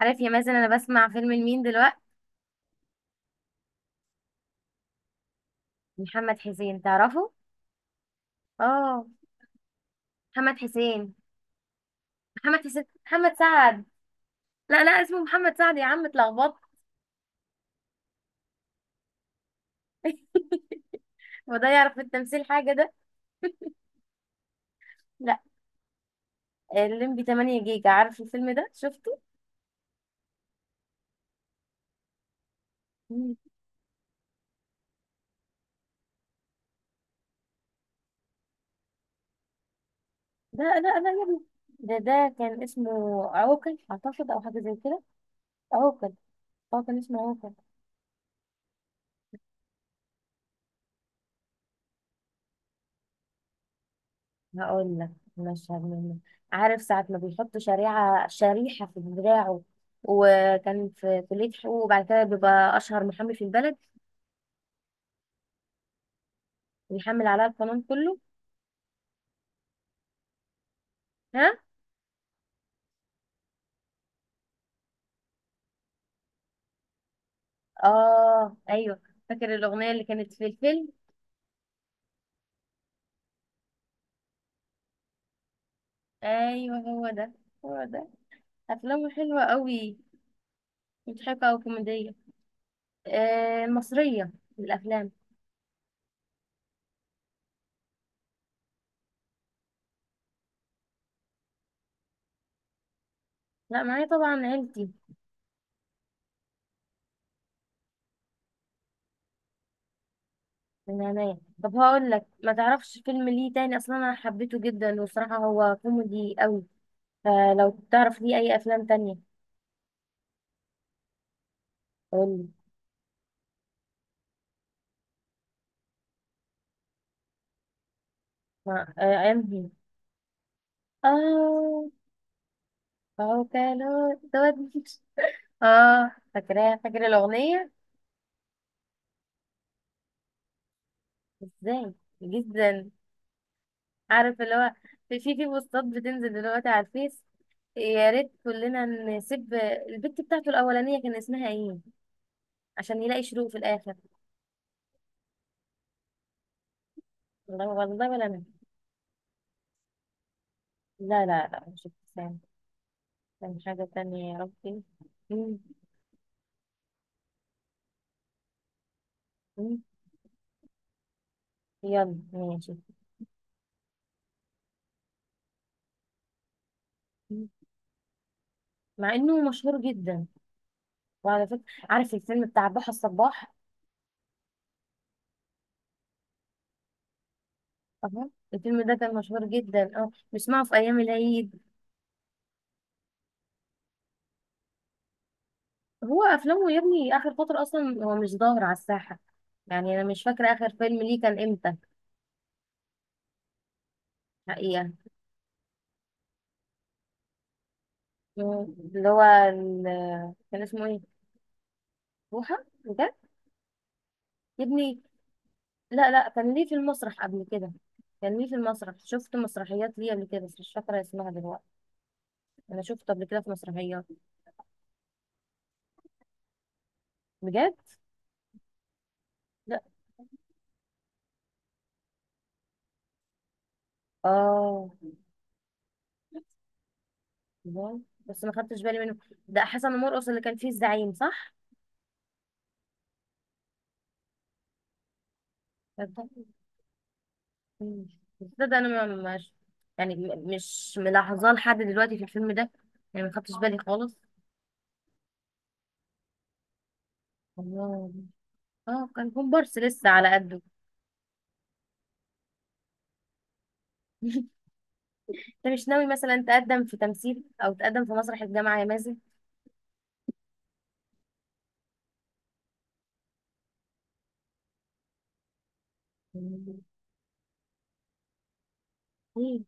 عارف يا مازن، انا بسمع فيلم لمين دلوقتي؟ محمد حسين تعرفه. اه. محمد حسين. محمد حسين محمد سعد. لا لا، اسمه محمد سعد يا عم، اتلخبطت. هو ده يعرف في التمثيل حاجه ده؟ لا. الليمبي 8 جيجا، عارف الفيلم ده؟ شفته. مم. لا لا لا يا ابني، ده كان اسمه عوكل اعتقد او حاجه زي كده. عوكل. اه كان اسمه عوكل. هقول لك مشهد منه. عارف ساعة ما بيحط شريحة في دراعه، وكان في كلية حقوق، وبعد كده بيبقى أشهر محامي في البلد، بيحمل عليها القانون كله. ها؟ آه أيوه. فاكر الأغنية اللي كانت في الفيلم؟ أيوه هو ده، هو ده. أفلامه حلوة قوي، مضحكة وكوميدية. آه مصرية الأفلام. لا، معايا طبعا عيلتي. من هنايا، طب هقول لك ما تعرفش فيلم ليه تاني أصلا؟ أنا حبيته جدا وصراحة هو كوميدي قوي. آه لو تعرف ليه أي أفلام تانية. قولي. أنهي؟ آه. فهو كان هو دوت. آه فاكراها؟ فاكرة الأغنية. إزاي؟ جدا. عارف اللي هو في بوستات بتنزل دلوقتي على الفيس. يا ريت كلنا نسيب. البت بتاعته الأولانية كان اسمها إيه عشان يلاقي شروق في الآخر؟ والله والله ولا أنا. لا لا لا، مش ابتسام. كان حاجة تانية يا ربي. مم، مم. يلا ماشي. مم. مع إنه مشهور جدا. وعلى فكرة، عارف الفيلم بتاع بحر الصباح؟ اهو. الفيلم ده كان مشهور جدا، اه بسمعه في ايام العيد. هو افلامه يا ابني اخر فترة اصلا هو مش ظاهر على الساحة. يعني انا مش فاكرة اخر فيلم ليه كان امتى. حقيقة. كان اسمه ايه؟ بوحة، بجد؟ يا ابني لا لا، كان ليه في المسرح قبل كده. كان ليه في المسرح، شفت مسرحيات ليه قبل كده بس مش فاكرة اسمها دلوقتي. انا شفته قبل كده في مسرحيات. بجد. لا. اه. واو. بس ما خدتش بالي منه. ده حسن مرقص اللي كان فيه الزعيم، صح؟ ده. ده انا ما- مش يعني م- مش ملاحظاه لحد دلوقتي في الفيلم ده، يعني ما خدتش بالي خالص. الله. اه كان كومبارس لسه على قده. انت مش ناوي مثلا تقدم في تمثيل او تقدم في مسرح الجامعه يا مازن؟ ايه؟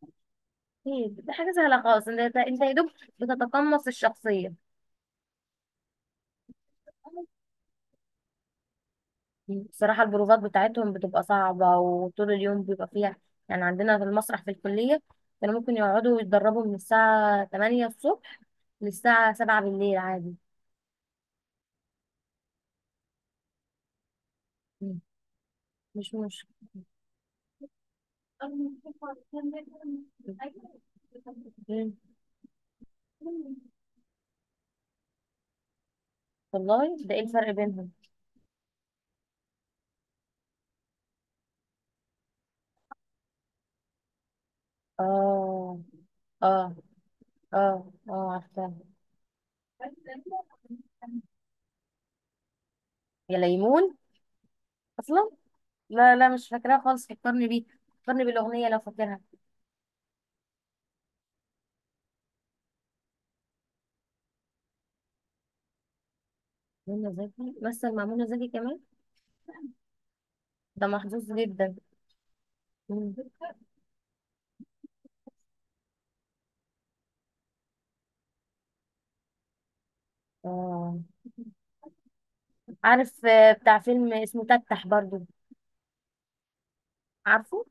ايه ده، حاجه سهله خالص، انت يا دوب بتتقمص الشخصيه. بصراحة البروفات بتاعتهم بتبقى صعبة وطول اليوم بيبقى فيها. يعني عندنا في المسرح في الكلية كانوا ممكن يقعدوا يتدربوا من الساعة 8 الصبح للساعة 7 بالليل عادي. مم. مش مشكلة. مم. والله ده ايه الفرق بينهم؟ اه اه. اه اه عارفة. يا ليمون. اصلا لا لا، مش فاكراها خالص، فكرني بيه، فكرني بالاغنية لو فاكرها. منى زكي؟ مثل مع منى زكي كمان؟ ده محظوظ جدا. مم. آه. عارف، بتاع فيلم اسمه تفتح برضو، عارفه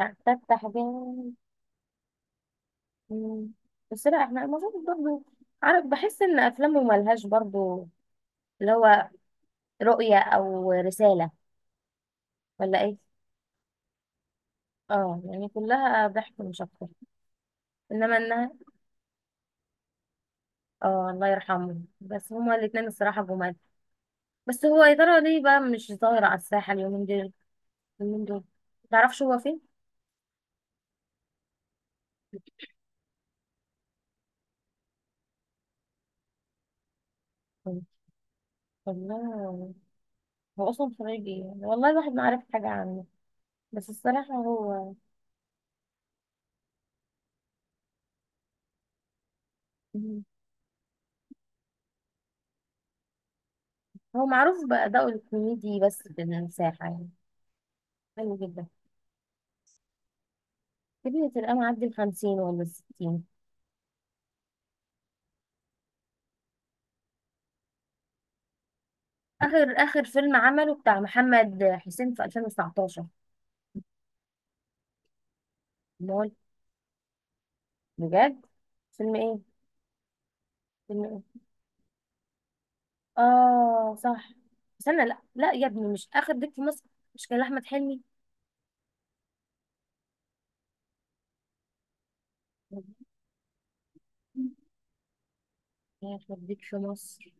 بتاع تفتح ده؟ مم. بس لا احنا المفروض برضو عارف بحس ان افلامه ملهاش برضو اللي هو رؤية او رسالة، ولا ايه؟ اه يعني كلها ضحك مش اكتر. انما انها اه. الله يرحمه، بس هما الاتنين الصراحة جمال. بس هو يا ترى ليه بقى مش ظاهر على الساحة اليومين دول؟ اليومين دول متعرفش هو فين؟ والله هو اصلا خريج ايه؟ والله الواحد ما عارف حاجه عنه، بس الصراحه هو هو معروف بأدائه الكوميدي، بس في المساحه، يعني حلو جدا. كبير، تلقاه معدي الـ50 ولا الـ60. اخر فيلم عمله بتاع محمد حسين في 2019. مول؟ بجد؟ فيلم ايه؟ فيلم ايه؟ اه صح. استنى لا لا يا ابني، مش اخر ديك في مصر؟ مش كان احمد حلمي؟ يا اخر ديك في مصر.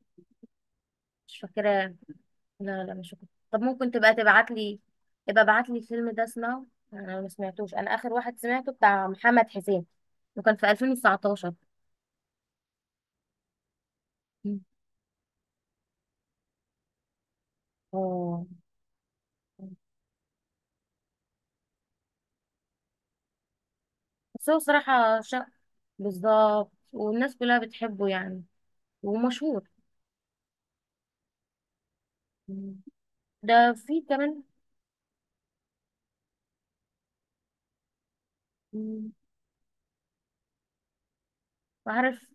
مش فاكراه. لا لا مش هكون. طب ممكن تبقى تبعت لي؟ يبقى ابعت لي الفيلم ده اسمعه. انا ما سمعتوش، انا اخر واحد سمعته بتاع محمد حسين وكان في 2019. مم. اه بس هو صراحة شق. بالظبط، والناس كلها بتحبه يعني، ومشهور. مم. ده في كمان. مم. عارف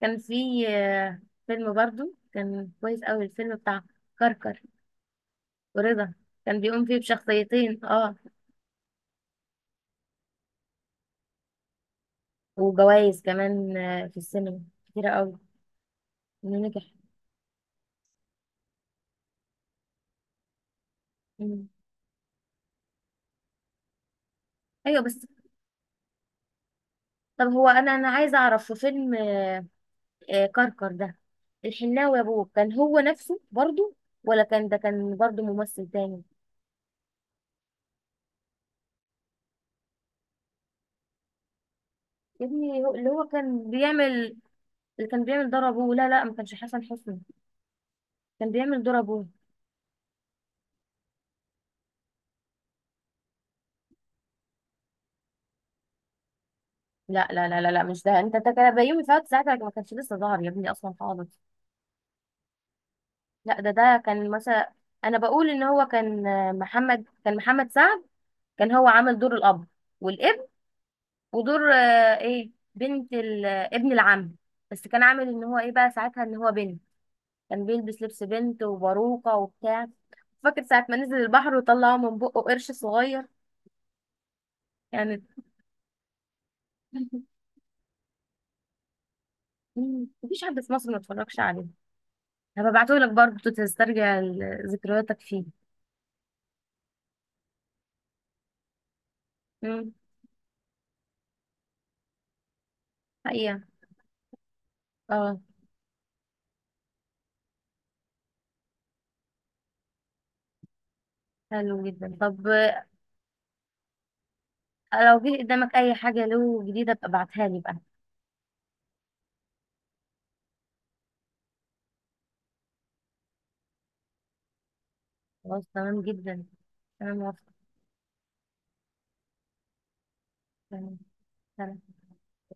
كان في فيلم برضو كان كويس قوي، الفيلم بتاع كركر ورضا، كان بيقوم فيه بشخصيتين اه. وجوائز كمان في السينما، كتيرة قوي، انه نجح. مم. ايوه بس. طب هو، انا عايزه اعرف، في فيلم كركر ده، الحناوي يا ابوه، كان هو نفسه برضه، ولا كان ده كان برضه ممثل تاني؟ يا ابني اللي هو كان بيعمل، اللي كان بيعمل دور ابوه، لا لا ما كانش حسن حسني. كان بيعمل دور ابوه. لا لا لا لا، لا مش ده، انت انت كان بيومي فؤاد ساعتها ما كانش لسه ظهر يا ابني اصلا خالص. لا ده كان مثلا، انا بقول ان هو كان محمد، كان محمد سعد، كان هو عامل دور الاب والابن ودور ايه بنت ابن العم. بس كان عامل ان هو ايه بقى ساعتها ان هو بنت، كان بيلبس لبس بنت وباروكة وبتاع. فاكر ساعة ما نزل البحر وطلعوا من بقه قرش صغير يعني. مفيش حد في مصر ما اتفرجش عليه. هبعته لك برضه تسترجع ذكرياتك فيه. امم. حقيقة. اه. حلو جدا. طب لو جه قدامك اي حاجة له جديدة ابقى ابعتها لي بقى. خلاص تمام جدا، انا موافقة. تمام. سلام.